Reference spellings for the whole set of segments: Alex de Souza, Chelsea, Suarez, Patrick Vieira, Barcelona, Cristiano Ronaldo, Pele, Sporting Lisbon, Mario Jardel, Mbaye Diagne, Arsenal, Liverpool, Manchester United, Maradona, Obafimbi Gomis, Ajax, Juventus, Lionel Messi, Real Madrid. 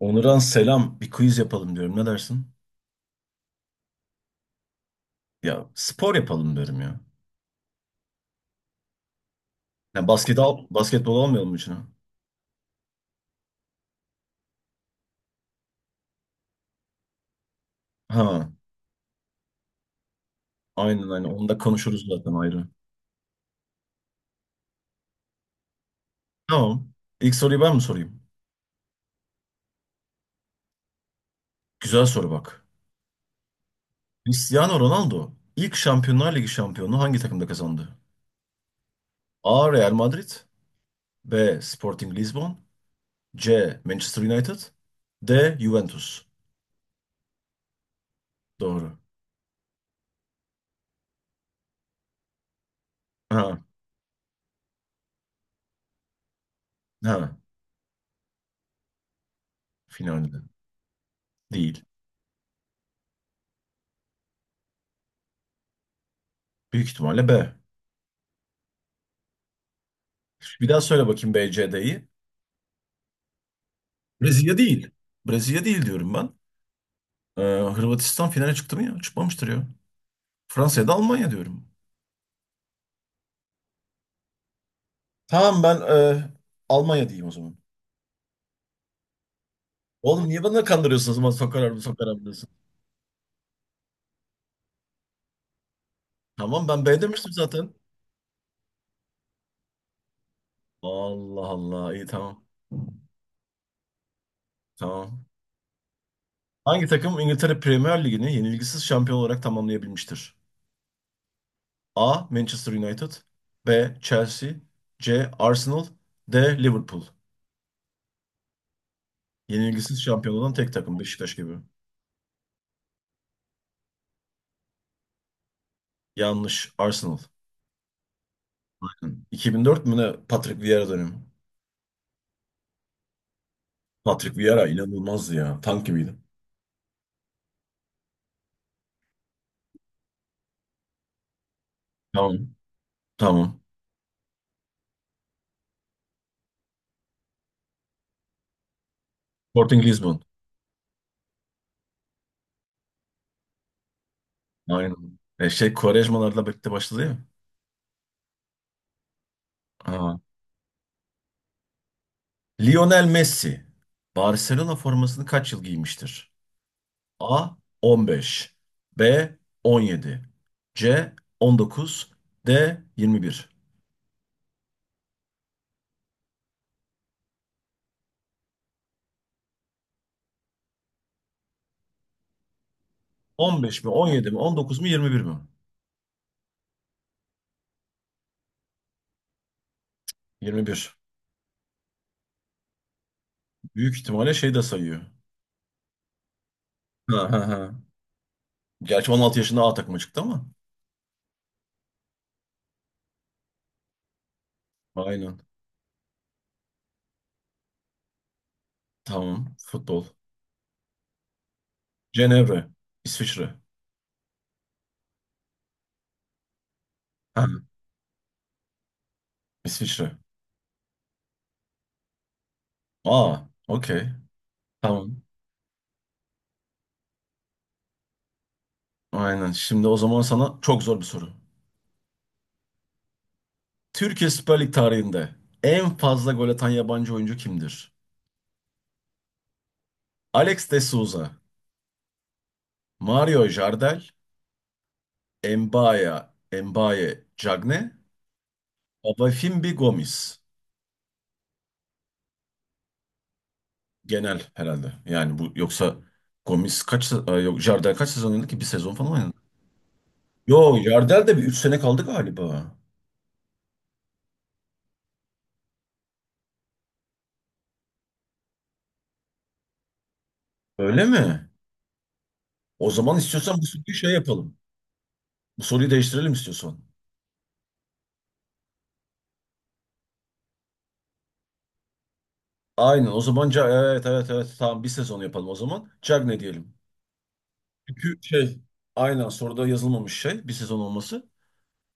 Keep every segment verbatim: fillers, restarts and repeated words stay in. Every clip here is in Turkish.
Onuran selam. Bir quiz yapalım diyorum. Ne dersin? Ya spor yapalım diyorum ya. Ya basket al, basketbol almayalım mı içine? Ha, aynen aynen. Onu da konuşuruz zaten ayrı. Tamam. İlk soruyu ben mi sorayım? Güzel soru bak. Cristiano Ronaldo ilk Şampiyonlar Ligi şampiyonluğu hangi takımda kazandı? A. Real Madrid, B. Sporting Lisbon, C. Manchester United, D. Juventus. Doğru. Ha, ha. Finalde. Değil. Büyük ihtimalle B. Bir daha söyle bakayım B, C, D'yi. Brezilya değil. Brezilya değil diyorum ben. Ee, Hırvatistan finale çıktı mı ya? Çıkmamıştır ya. Fransa ya da Almanya diyorum. Tamam ben e, Almanya diyeyim o zaman. Oğlum niye bana kandırıyorsunuz? Ama sokar abi sokar abi diyorsun. Tamam ben B demiştim zaten. Allah Allah iyi tamam. Tamam. Hangi takım İngiltere Premier Ligi'ni yenilgisiz şampiyon olarak tamamlayabilmiştir? A. Manchester United, B. Chelsea, C. Arsenal, D. Liverpool. Yenilgisiz şampiyon olan tek takım Beşiktaş gibi. Yanlış. Arsenal. Bakın, iki bin dört mü ne Patrick Vieira dönemi? Patrick Vieira inanılmazdı ya. Tank gibiydi. Tamam. Tamam. Sporting Lisbon. Aynen. E şey Quaresma'larla birlikte başladı ya. Aa. Lionel Messi. Barcelona formasını kaç yıl giymiştir? A. on beş, B. on yedi, C. on dokuz, D. yirmi bir. on beş mi on yedi mi on dokuz mu yirmi bir mi? yirmi bir. Büyük ihtimalle şey de sayıyor. Ha, ha, ha. Gerçi on altı yaşında A takıma çıktı ama. Aynen. Tamam. Futbol. Cenevre. İsviçre. Ha, İsviçre. Aa, okey. Tamam. Aynen. Şimdi o zaman sana çok zor bir soru. Türkiye Süper Lig tarihinde en fazla gol atan yabancı oyuncu kimdir? Alex de Souza, Mario Jardel, Mbaya, Mbaye Diagne, Obafimbi Gomis. Genel herhalde. Yani bu yoksa Gomis kaç se- e, yok Jardel kaç sezon oynadı ki? Bir sezon falan oynadı. Yo Jardel de bir üç sene kaldı galiba. Öyle mi? O zaman istiyorsan bu soruyu şey yapalım. Bu soruyu değiştirelim istiyorsan. Aynen o zaman Ca- evet evet evet tamam bir sezon yapalım o zaman. Cagne diyelim. Çünkü şey aynen soruda yazılmamış şey bir sezon olması.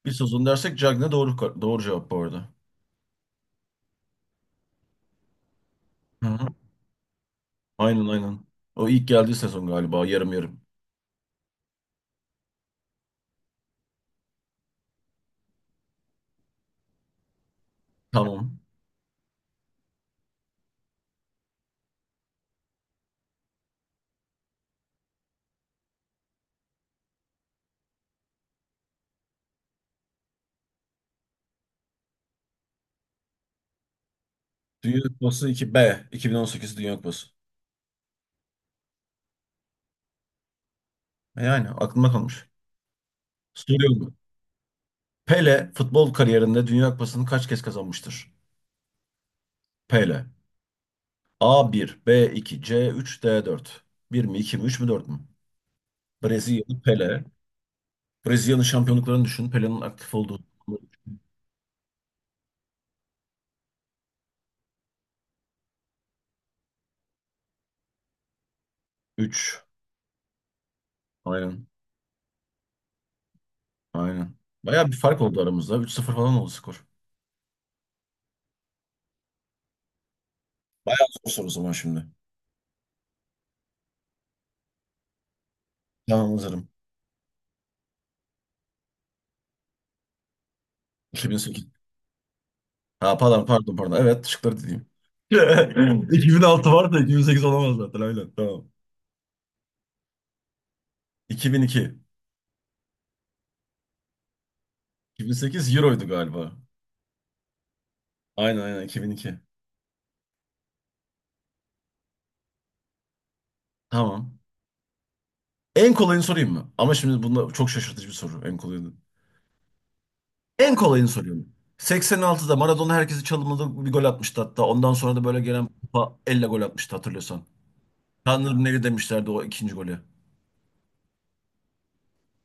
Bir sezon dersek Cagne doğru ka- doğru cevap bu arada. Hı hı. Aynen aynen. O ilk geldiği sezon galiba yarım yarım. Tamam. Dünya Kupası iki b iki bin on sekiz Dünya Kupası. E Yani aklımda kalmış. Soruyorum. Pele futbol kariyerinde Dünya Kupası'nı kaç kez kazanmıştır? Pele. A bir, B iki, C üç, D dört. Bir mi, iki mi, üç mü, dört mü? Brezilyalı Pele. Brezilya'nın şampiyonluklarını düşün. Pele'nin aktif olduğu üç. Aynen. Aynen. Bayağı bir fark oldu aramızda. Üç sıfır falan oldu skor. Bayağı zor soru o zaman şimdi. Tamam hazırım. iki bin sekiz. Ha pardon pardon pardon. Evet şıkları dediğim. iki bin altı var da iki bin sekiz olamaz zaten aynen. Tamam. iki bin iki. iki bin sekiz Euro'ydu galiba. Aynen aynen iki bin iki. Tamam. En kolayını sorayım mı? Ama şimdi bunda çok şaşırtıcı bir soru. En kolayını. En kolayını soruyorum. seksen altıda Maradona herkesi çalımladı bir gol atmıştı hatta. Ondan sonra da böyle gelen kupa elle gol atmıştı hatırlıyorsan. Tanrı'nın eli demişlerdi o ikinci golü.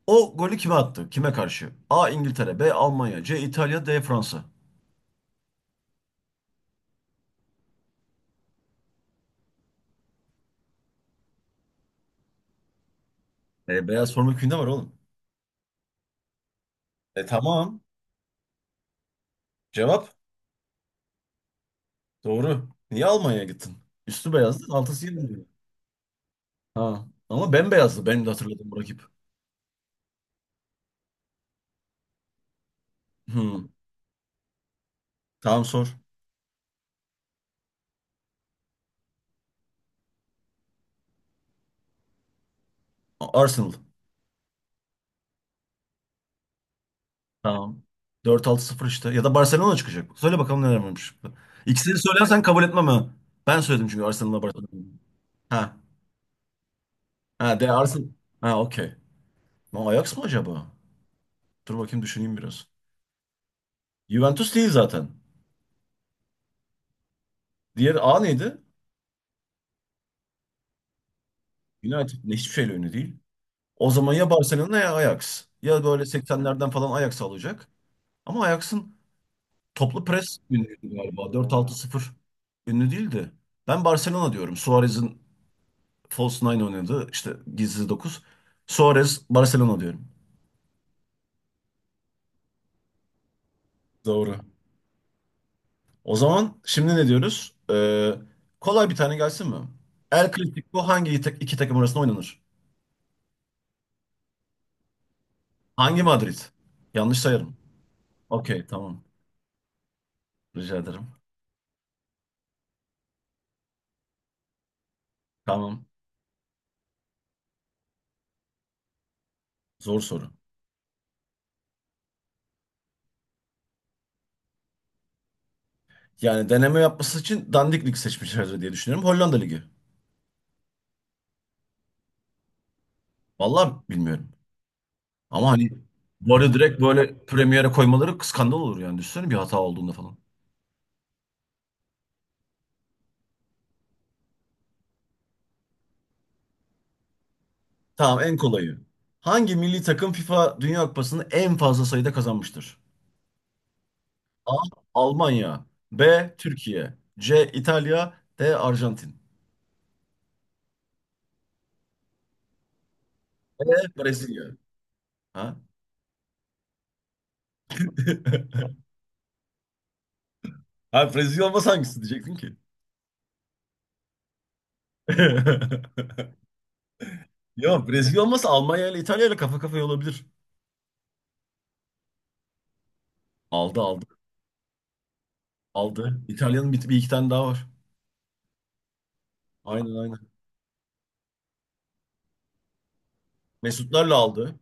O golü kime attı? Kime karşı? A. İngiltere, B. Almanya, C. İtalya, D. Fransa. E, beyaz forma köyünde var oğlum. E tamam. Cevap doğru. Niye Almanya'ya gittin? Üstü beyazdı, altısı yeni. Ha. Ama bembeyazdı benim de hatırladığım bu rakip. Hmm. Tamam sor. A- Arsenal. Tamam. Dört altı sıfır işte. Ya da Barcelona çıkacak. Söyle bakalım neler varmış. İkisini söylersen kabul etmem ha. Ben söyledim çünkü Arsenal'la Barcelona. Ha. Ha de Arsenal. Ha okey. Lan Ajax mı acaba? Dur bakayım düşüneyim biraz. Juventus değil zaten. Diğer A neydi? United. Ne, hiçbir şeyle ünlü değil. O zaman ya Barcelona ya Ajax. Ya böyle seksenlerden falan Ajax alacak. Ama Ajax'ın toplu pres ünlüydü galiba. Dört altı sıfır ünlü değildi. Ben Barcelona diyorum. Suarez'in False Nine oynadı. İşte Gizli Dokuz. Suarez Barcelona diyorum. Doğru. O zaman şimdi ne diyoruz? Ee, kolay bir tane gelsin mi? El Clasico hangi iki tak- iki takım arasında oynanır? Hangi Madrid? Yanlış sayarım. Okey tamam. Rica ederim. Tamam. Zor soru. Yani deneme yapması için Dandik Lig seçmişler diye düşünüyorum. Hollanda Ligi. Vallahi bilmiyorum. Ama hani bu arada direkt böyle Premier'e koymaları skandal olur yani. Düşünsene bir hata olduğunda falan. Tamam en kolayı. Hangi milli takım FIFA Dünya Kupası'nı en fazla sayıda kazanmıştır? A. Almanya, B. Türkiye, C. İtalya, D. Arjantin, E. Brezilya. Ha? Ha Brezilya olmasa hangisi diyecektin ki? Yok Brezilya olmasa Almanya ile İtalya ile kafa kafaya olabilir. Aldı aldı. Aldı. İtalya'nın bir, bir iki tane daha var. Aynen aynen. Mesutlarla aldı.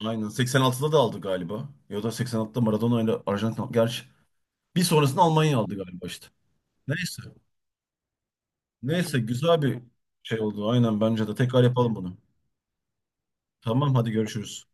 Aynen. seksen altıda da aldı galiba. Ya da seksen altıda Maradona ile Arjantin. aldı. Gerçi bir sonrasında Almanya aldı galiba işte. Neyse. Neyse güzel bir şey oldu. Aynen bence de. Tekrar yapalım bunu. Tamam hadi görüşürüz.